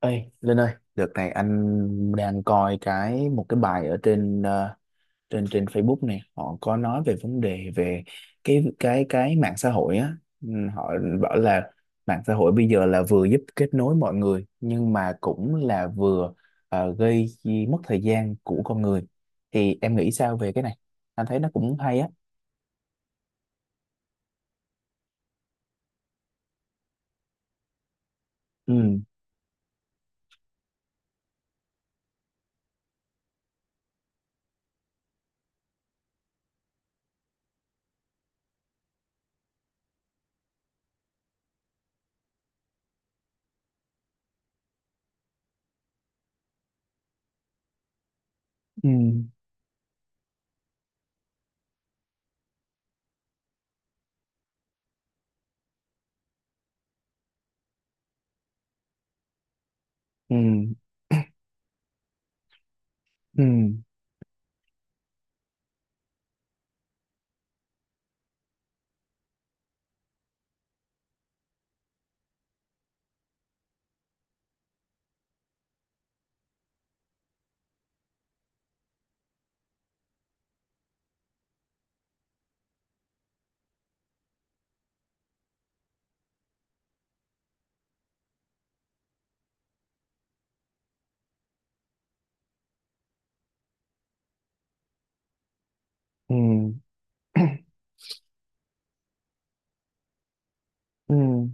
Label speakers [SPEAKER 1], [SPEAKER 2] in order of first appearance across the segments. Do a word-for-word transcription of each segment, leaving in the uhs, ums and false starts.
[SPEAKER 1] Ê, Linh ơi, đợt này anh đang coi cái một cái bài ở trên ờ, trên trên Facebook này. Họ có nói về vấn đề về cái cái cái mạng xã hội á. Ừ. Họ bảo là mạng xã hội bây giờ là vừa giúp kết nối mọi người nhưng mà cũng là vừa ờ, gây chi- mất thời gian của con người. Thì em nghĩ sao về cái này? Anh thấy nó cũng hay á. Ừ. Ừ. Ừ. Ừ. Ừ. Ừ. Ừ.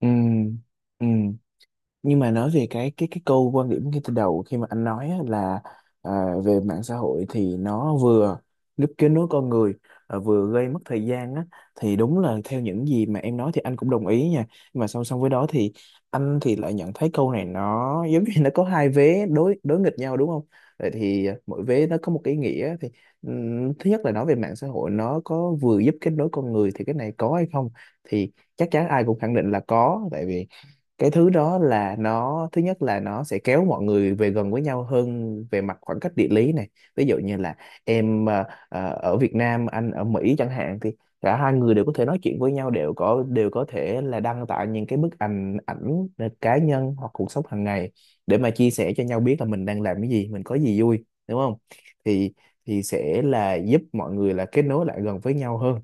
[SPEAKER 1] Ừ. Ừ. Nhưng mà nói về cái cái cái câu quan điểm ngay từ đầu khi mà anh nói á, là à, về mạng xã hội thì nó vừa giúp kết nối con người, à, vừa gây mất thời gian á, thì đúng là theo những gì mà em nói thì anh cũng đồng ý nha. Nhưng mà song song với đó thì anh thì lại nhận thấy câu này nó giống như nó có hai vế đối đối nghịch nhau, đúng không? Vậy thì à, mỗi vế nó có một cái ý nghĩa thì ừm, thứ nhất là nói về mạng xã hội nó có vừa giúp kết nối con người thì cái này có hay không? Thì chắc chắn ai cũng khẳng định là có, tại vì cái thứ đó là nó thứ nhất là nó sẽ kéo mọi người về gần với nhau hơn về mặt khoảng cách địa lý này. Ví dụ như là em ờ, ờ, ở Việt Nam, anh ở Mỹ chẳng hạn, thì cả hai người đều có thể nói chuyện với nhau, đều có đều có thể là đăng tải những cái bức ảnh ảnh cá nhân hoặc cuộc sống hàng ngày để mà chia sẻ cho nhau biết là mình đang làm cái gì, mình có gì vui, đúng không? Thì thì sẽ là giúp mọi người là kết nối lại gần với nhau hơn.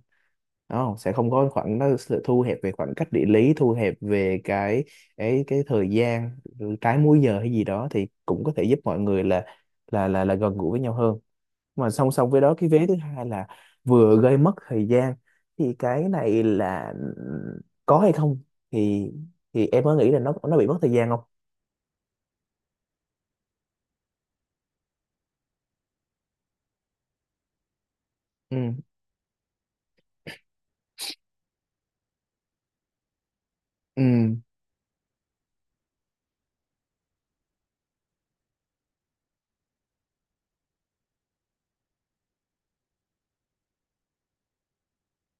[SPEAKER 1] Đó, sẽ không có khoảng nó sẽ thu hẹp về khoảng cách địa lý, thu hẹp về cái cái cái thời gian, trái múi giờ hay gì đó, thì cũng có thể giúp mọi người là là là là gần gũi với nhau hơn. Mà song song với đó, cái vế thứ hai là vừa gây mất thời gian thì cái này là có hay không? Thì thì em có nghĩ là nó nó bị mất thời gian không? Ừ. Ừ.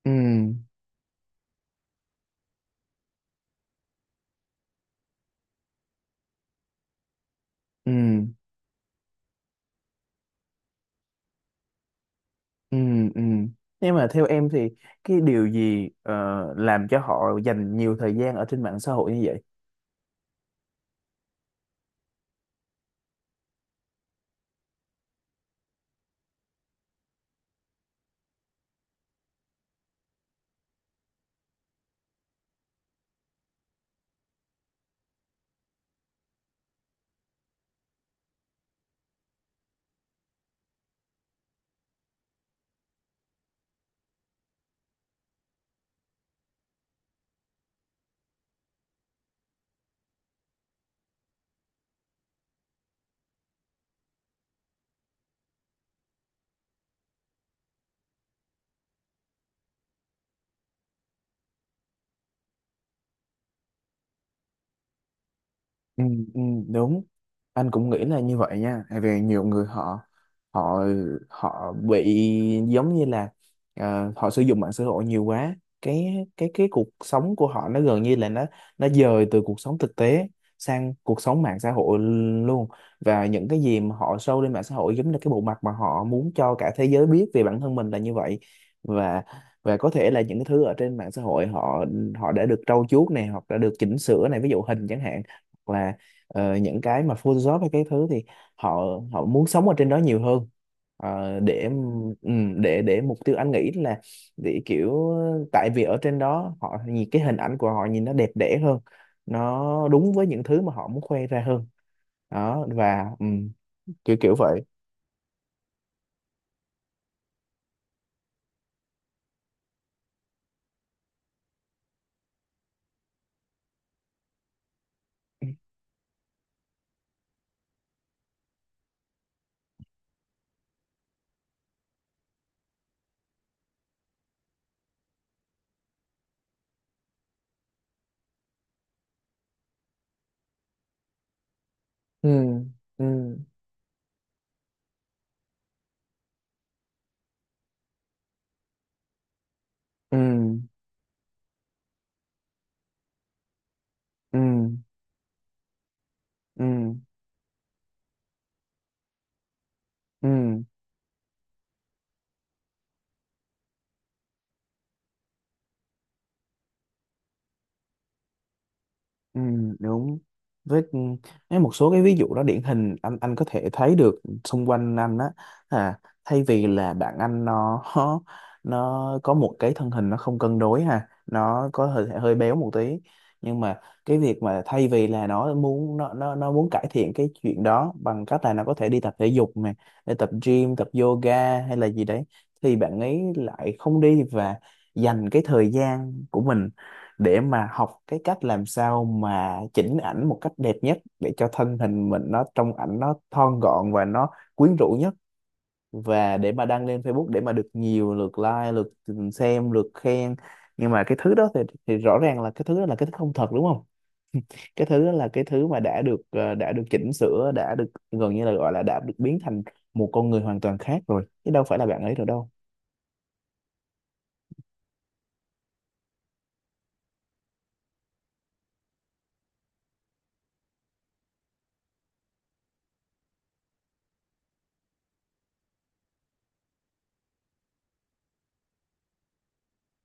[SPEAKER 1] Ừ. Ừ. Ừ, ừ. Nhưng mà theo em thì cái điều gì ờ, làm cho họ dành nhiều thời gian ở trên mạng xã hội như vậy? Ừ, ừ, đúng. Anh cũng nghĩ là như vậy nha, tại vì nhiều người họ họ họ bị giống như là ờ, họ sử dụng mạng xã hội nhiều quá, cái cái cái cuộc sống của họ nó gần như là nó nó dời từ cuộc sống thực tế sang cuộc sống mạng xã hội luôn. Và những cái gì mà họ show lên mạng xã hội giống như cái bộ mặt mà họ muốn cho cả thế giới biết về bản thân mình là như vậy. Và và có thể là những cái thứ ở trên mạng xã hội, họ họ đã được trau chuốt này hoặc đã được chỉnh sửa này, ví dụ hình chẳng hạn, hoặc là ờ, những cái mà Photoshop hay cái thứ thì họ họ muốn sống ở trên đó nhiều hơn. Ờ, để ừm, để để mục tiêu anh nghĩ là để kiểu tại vì ở trên đó họ nhìn cái hình ảnh của họ nhìn nó đẹp đẽ hơn, nó đúng với những thứ mà họ muốn khoe ra hơn. Đó, và ừm, kiểu kiểu vậy. Ừ. Ừ. Ừ. Ừ. Ừ. Ừ. Ừ, đúng. Với ừ, với một số cái ví dụ đó điển hình, anh anh có thể thấy được xung quanh anh á. à, Thay vì là bạn anh, nó nó có một cái thân hình nó không cân đối, ha. Nó có hơi hơi béo một tí nhưng mà cái việc mà thay vì là nó muốn nó nó nó muốn cải thiện cái chuyện đó bằng cách là nó có thể đi tập thể dục này, để tập gym, tập yoga hay là gì đấy, thì bạn ấy lại không đi và dành cái thời gian của mình để mà học cái cách làm sao mà chỉnh ảnh một cách đẹp nhất để cho thân hình mình nó trong ảnh nó thon gọn và nó quyến rũ nhất và để mà đăng lên Facebook để mà được nhiều lượt like, lượt xem, lượt khen. Nhưng mà cái thứ đó thì, thì, rõ ràng là cái thứ đó là cái thứ không thật, đúng không? Cái thứ đó là cái thứ mà đã được ờ, đã được chỉnh sửa, đã được gần như là gọi là đã được biến thành một con người hoàn toàn khác rồi chứ đâu phải là bạn ấy rồi đâu.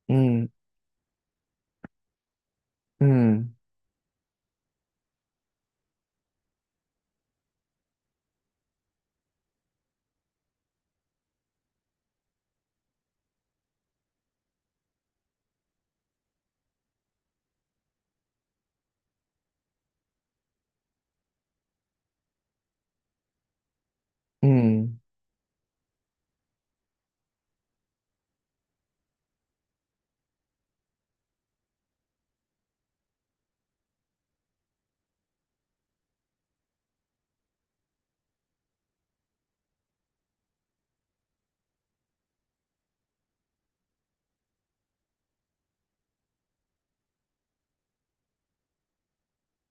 [SPEAKER 1] Ừ. Ừ. Ừ.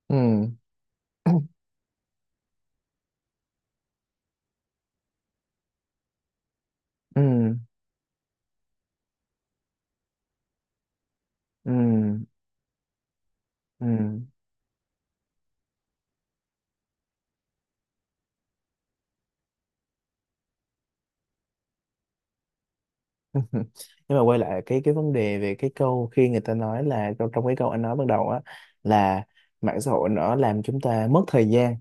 [SPEAKER 1] Ừ. Ừ. Ừ. Ừ. Ừ. Nhưng mà quay lại cái cái vấn đề về cái câu khi người ta nói là trong, trong cái câu anh nói ban đầu á, là mạng xã hội nó làm chúng ta mất thời gian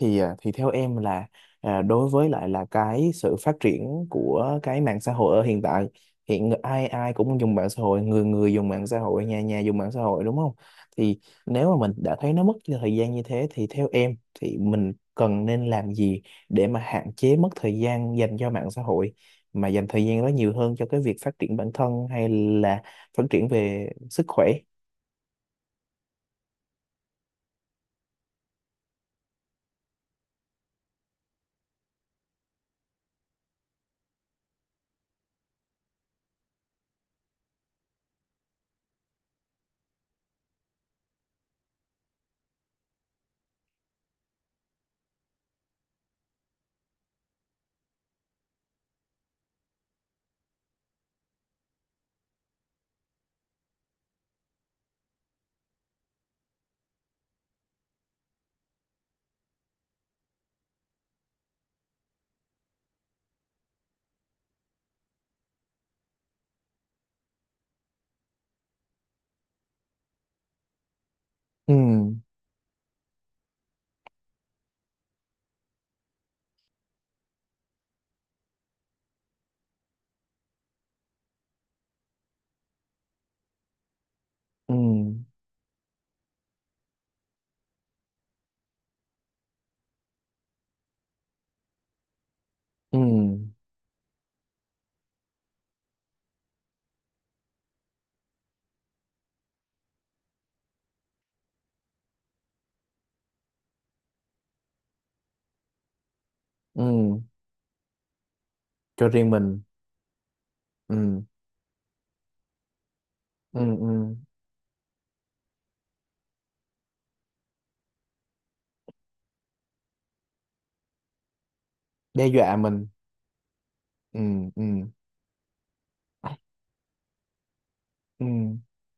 [SPEAKER 1] thì à, thì theo em là à, đối với lại là cái sự phát triển của cái mạng xã hội ở hiện tại, hiện ai ai cũng dùng mạng xã hội, người người dùng mạng xã hội, nhà nhà dùng mạng xã hội, đúng không? Thì nếu mà mình đã thấy nó mất thời gian như thế thì theo em thì mình cần nên làm gì để mà hạn chế mất thời gian dành cho mạng xã hội mà dành thời gian đó nhiều hơn cho cái việc phát triển bản thân hay là phát triển về sức khỏe? Ừ. Ừ. Ừ. Ừ. Cho riêng mình. Ừ. Ừ. Ừ. Đe dọa mình. Ừ. Ừ. Ừ,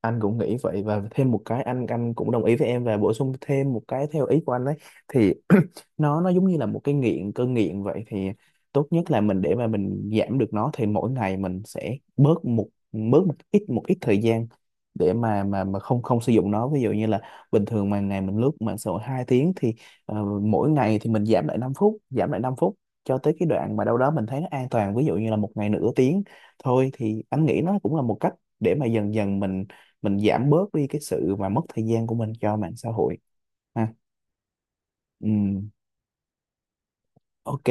[SPEAKER 1] anh cũng nghĩ vậy và thêm một cái, anh anh cũng đồng ý với em và bổ sung thêm một cái theo ý của anh đấy thì nó nó giống như là một cái nghiện, cơn nghiện vậy thì tốt nhất là mình để mà mình giảm được nó thì mỗi ngày mình sẽ bớt một bớt một ít một ít thời gian để mà mà mà không không sử dụng nó. Ví dụ như là bình thường mà ngày mình lướt mạng xã hội hai tiếng thì ờ, mỗi ngày thì mình giảm lại năm phút, giảm lại năm phút cho tới cái đoạn mà đâu đó mình thấy nó an toàn, ví dụ như là một ngày nửa tiếng thôi, thì anh nghĩ nó cũng là một cách để mà dần dần mình mình giảm bớt đi cái sự mà mất thời gian của mình cho mạng xã hội, ha. Ừ, ok.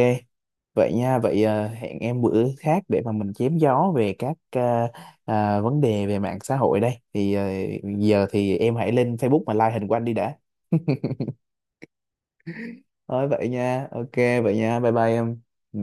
[SPEAKER 1] Vậy nha, vậy ờ, hẹn em bữa khác để mà mình chém gió về các ờ, ờ, vấn đề về mạng xã hội đây thì ờ, giờ thì em hãy lên Facebook mà like hình của anh đi đã. Thôi vậy nha, ok, vậy nha, bye bye em. Ừ.